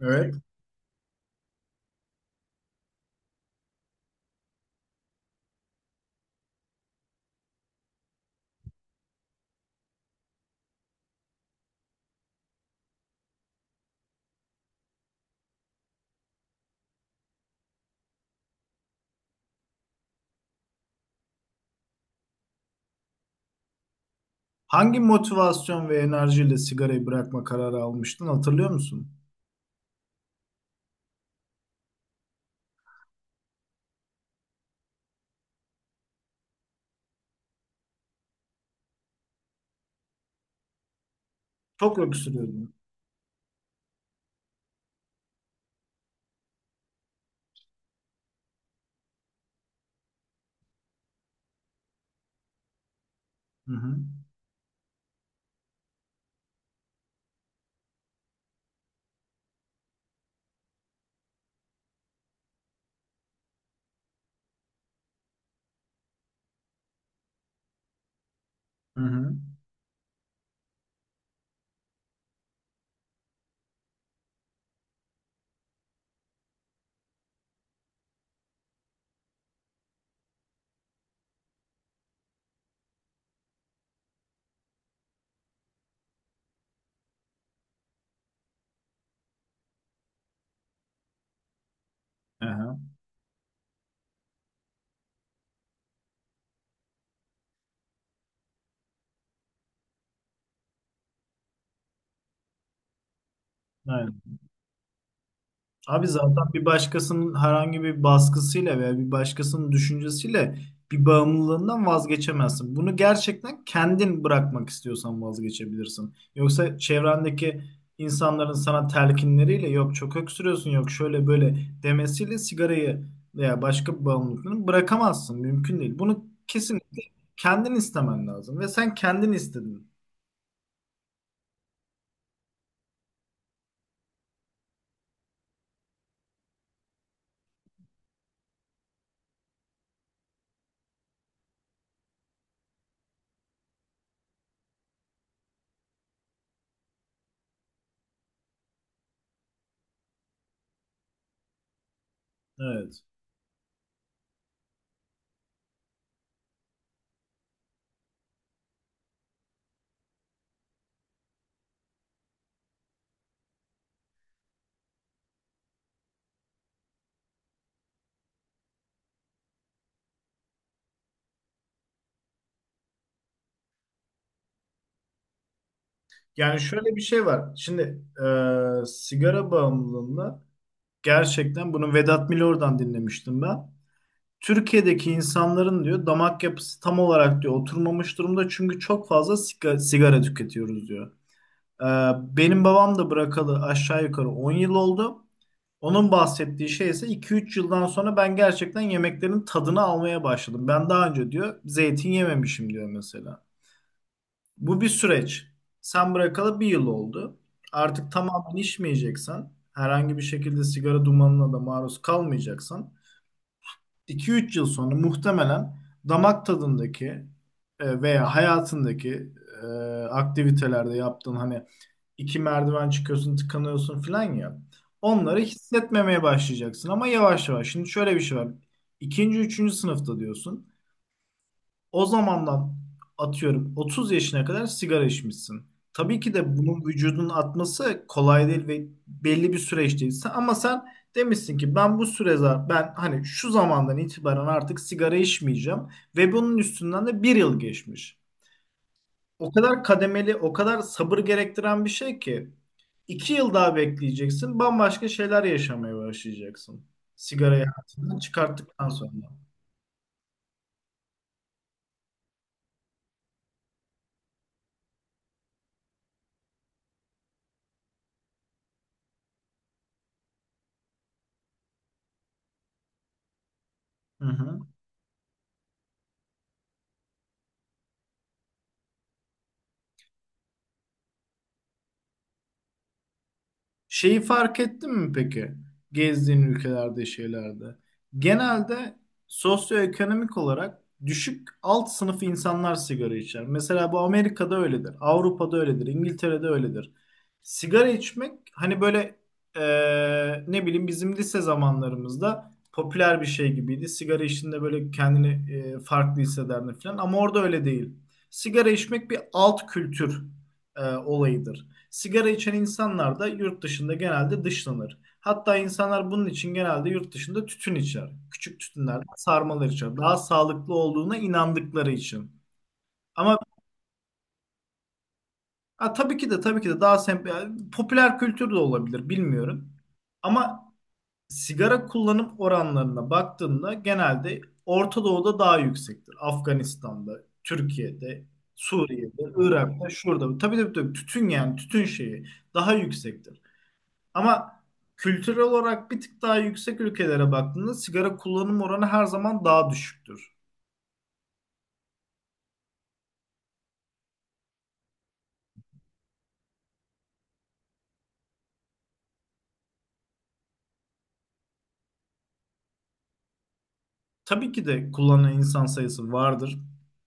Evet. Hangi motivasyon ve enerjiyle sigarayı bırakma kararı almıştın, hatırlıyor musun? Çok öksürüyordun. Hı hı. Hı hı. Aha. Aynen. Abi zaten bir başkasının herhangi bir baskısıyla veya bir başkasının düşüncesiyle bir bağımlılığından vazgeçemezsin. Bunu gerçekten kendin bırakmak istiyorsan vazgeçebilirsin. Yoksa çevrendeki insanların sana telkinleriyle, yok çok öksürüyorsun, yok şöyle böyle demesiyle sigarayı veya başka bir bağımlılığını bırakamazsın. Mümkün değil. Bunu kesinlikle kendin istemen lazım ve sen kendin istedin. Evet. Yani şöyle bir şey var. Şimdi sigara bağımlılığında. Gerçekten bunu Vedat Milor'dan dinlemiştim ben. Türkiye'deki insanların, diyor, damak yapısı tam olarak, diyor, oturmamış durumda çünkü çok fazla sigara tüketiyoruz, diyor. Ee, Benim babam da bırakalı aşağı yukarı 10 yıl oldu. Onun bahsettiği şey ise 2-3 yıldan sonra ben gerçekten yemeklerin tadını almaya başladım. Ben daha önce, diyor, zeytin yememişim, diyor mesela. Bu bir süreç. Sen bırakalı bir yıl oldu. Artık tamamen içmeyeceksen, herhangi bir şekilde sigara dumanına da maruz kalmayacaksan, 2 üç yıl sonra muhtemelen damak tadındaki veya hayatındaki e, aktivitelerde yaptığın, hani iki merdiven çıkıyorsun, tıkanıyorsun falan ya, onları hissetmemeye başlayacaksın ama yavaş yavaş. Şimdi şöyle bir şey var. İkinci, üçüncü sınıfta diyorsun. O zamandan atıyorum 30 yaşına kadar sigara içmişsin. Tabii ki de bunun vücudun atması kolay değil ve belli bir süreç değil. Ama sen demişsin ki ben bu ben hani şu zamandan itibaren artık sigara içmeyeceğim ve bunun üstünden de bir yıl geçmiş. O kadar kademeli, o kadar sabır gerektiren bir şey ki iki yıl daha bekleyeceksin, bambaşka şeyler yaşamaya başlayacaksın. Sigarayı hayatından çıkarttıktan sonra. Hı hı. Şeyi fark ettin mi peki? Gezdiğin ülkelerde, şeylerde. Genelde sosyoekonomik olarak düşük alt sınıf insanlar sigara içer. Mesela bu Amerika'da öyledir, Avrupa'da öyledir, İngiltere'de öyledir. Sigara içmek hani böyle, ne bileyim, bizim lise zamanlarımızda popüler bir şey gibiydi. Sigara içtiğinde böyle kendini farklı hissederdin falan ama orada öyle değil. Sigara içmek bir alt kültür olayıdır. Sigara içen insanlar da yurt dışında genelde dışlanır. Hatta insanlar bunun için genelde yurt dışında tütün içer. Küçük tütünler, sarmalar içer. Daha sağlıklı olduğuna inandıkları için. Ama ha, tabii ki de tabii ki de daha yani popüler kültür de olabilir, bilmiyorum. Ama sigara kullanım oranlarına baktığında genelde Orta Doğu'da daha yüksektir. Afganistan'da, Türkiye'de, Suriye'de, Irak'ta, şurada. Tabii tabii tabii, tütün yani tütün şeyi daha yüksektir. Ama kültürel olarak bir tık daha yüksek ülkelere baktığında sigara kullanım oranı her zaman daha düşüktür. Tabii ki de kullanan insan sayısı vardır.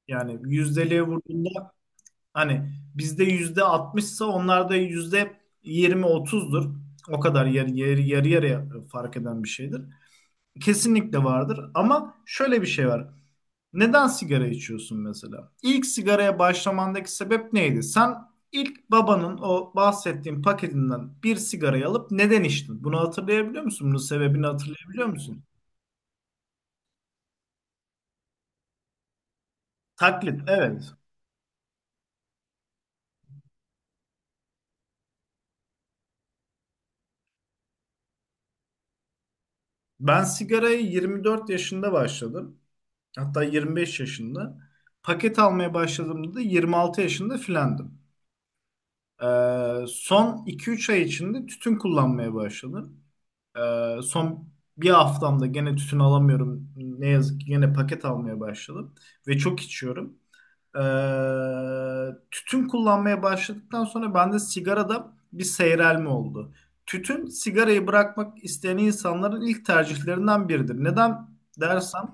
Yani yüzdeliğe vurduğunda hani bizde yüzde 60'sa onlarda yüzde 20-30'dur. O kadar yarı yarıya fark eden bir şeydir. Kesinlikle vardır ama şöyle bir şey var. Neden sigara içiyorsun mesela? İlk sigaraya başlamandaki sebep neydi? Sen ilk babanın o bahsettiğin paketinden bir sigarayı alıp neden içtin? Bunu hatırlayabiliyor musun? Bunun sebebini hatırlayabiliyor musun? Taklit, evet. Ben sigarayı 24 yaşında başladım. Hatta 25 yaşında. Paket almaya başladığımda da 26 yaşında filandım. Son 2-3 ay içinde tütün kullanmaya başladım. Son bir haftamda gene tütün alamıyorum. Ne yazık ki gene paket almaya başladım ve çok içiyorum. Ee, Tütün kullanmaya başladıktan sonra bende sigarada bir seyrelme oldu. Tütün, sigarayı bırakmak isteyen insanların ilk tercihlerinden biridir. Neden dersen,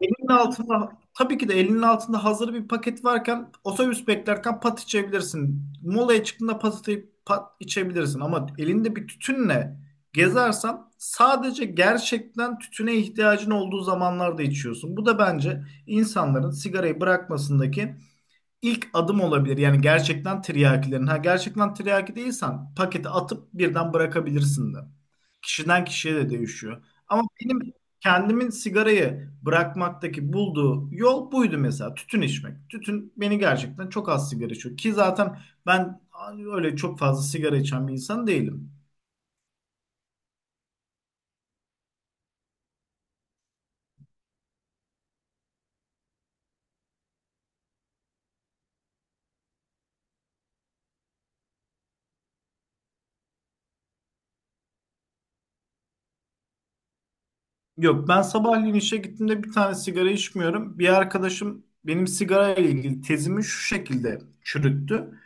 elinin altında tabii ki de elinin altında hazır bir paket varken otobüs beklerken pat içebilirsin. Molaya çıktığında pat, atayıp pat içebilirsin ama elinde bir tütünle gezersen sadece gerçekten tütüne ihtiyacın olduğu zamanlarda içiyorsun. Bu da bence insanların sigarayı bırakmasındaki ilk adım olabilir. Yani gerçekten tiryakilerin. Ha, gerçekten tiryaki değilsen paketi atıp birden bırakabilirsin de. Kişiden kişiye de değişiyor. Ama benim kendimin sigarayı bırakmaktaki bulduğu yol buydu mesela. Tütün içmek. Tütün beni gerçekten çok az sigara içiyor. Ki zaten ben öyle çok fazla sigara içen bir insan değilim. Yok, ben sabahleyin işe gittiğimde bir tane sigara içmiyorum. Bir arkadaşım benim sigara ile ilgili tezimi şu şekilde çürüttü.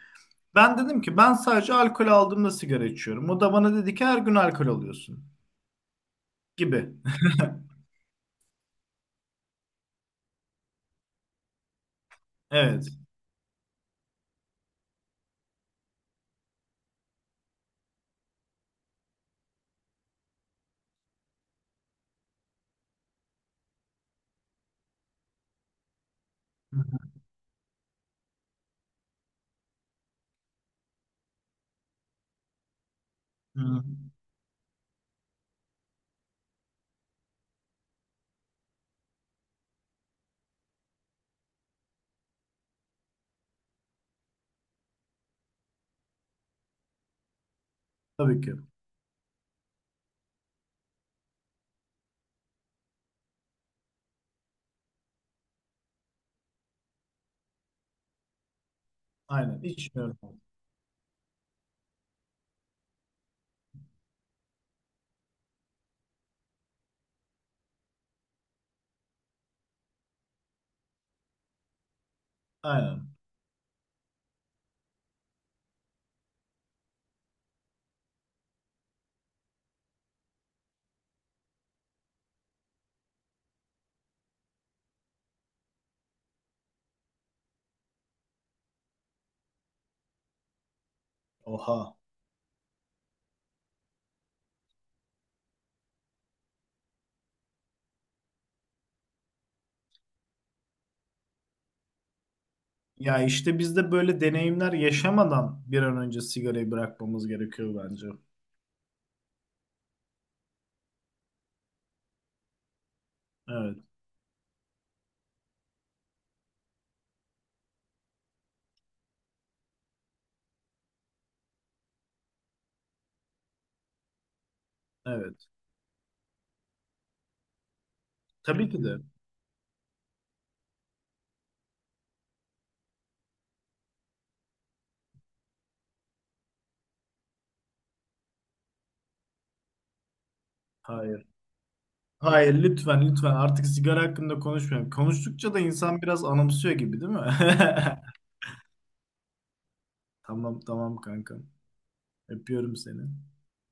Ben dedim ki ben sadece alkol aldığımda sigara içiyorum. O da bana dedi ki her gün alkol alıyorsun gibi. Evet. Hı hı. Hı. Tabii ki. Aynen içmiyorum. Aynen. Oha. Ya işte biz de böyle deneyimler yaşamadan bir an önce sigarayı bırakmamız gerekiyor bence. Evet. Evet. Tabii ki de. Hayır. Hayır, lütfen lütfen artık sigara hakkında konuşmayalım. Konuştukça da insan biraz anımsıyor gibi, değil mi? Tamam tamam kankam. Öpüyorum seni.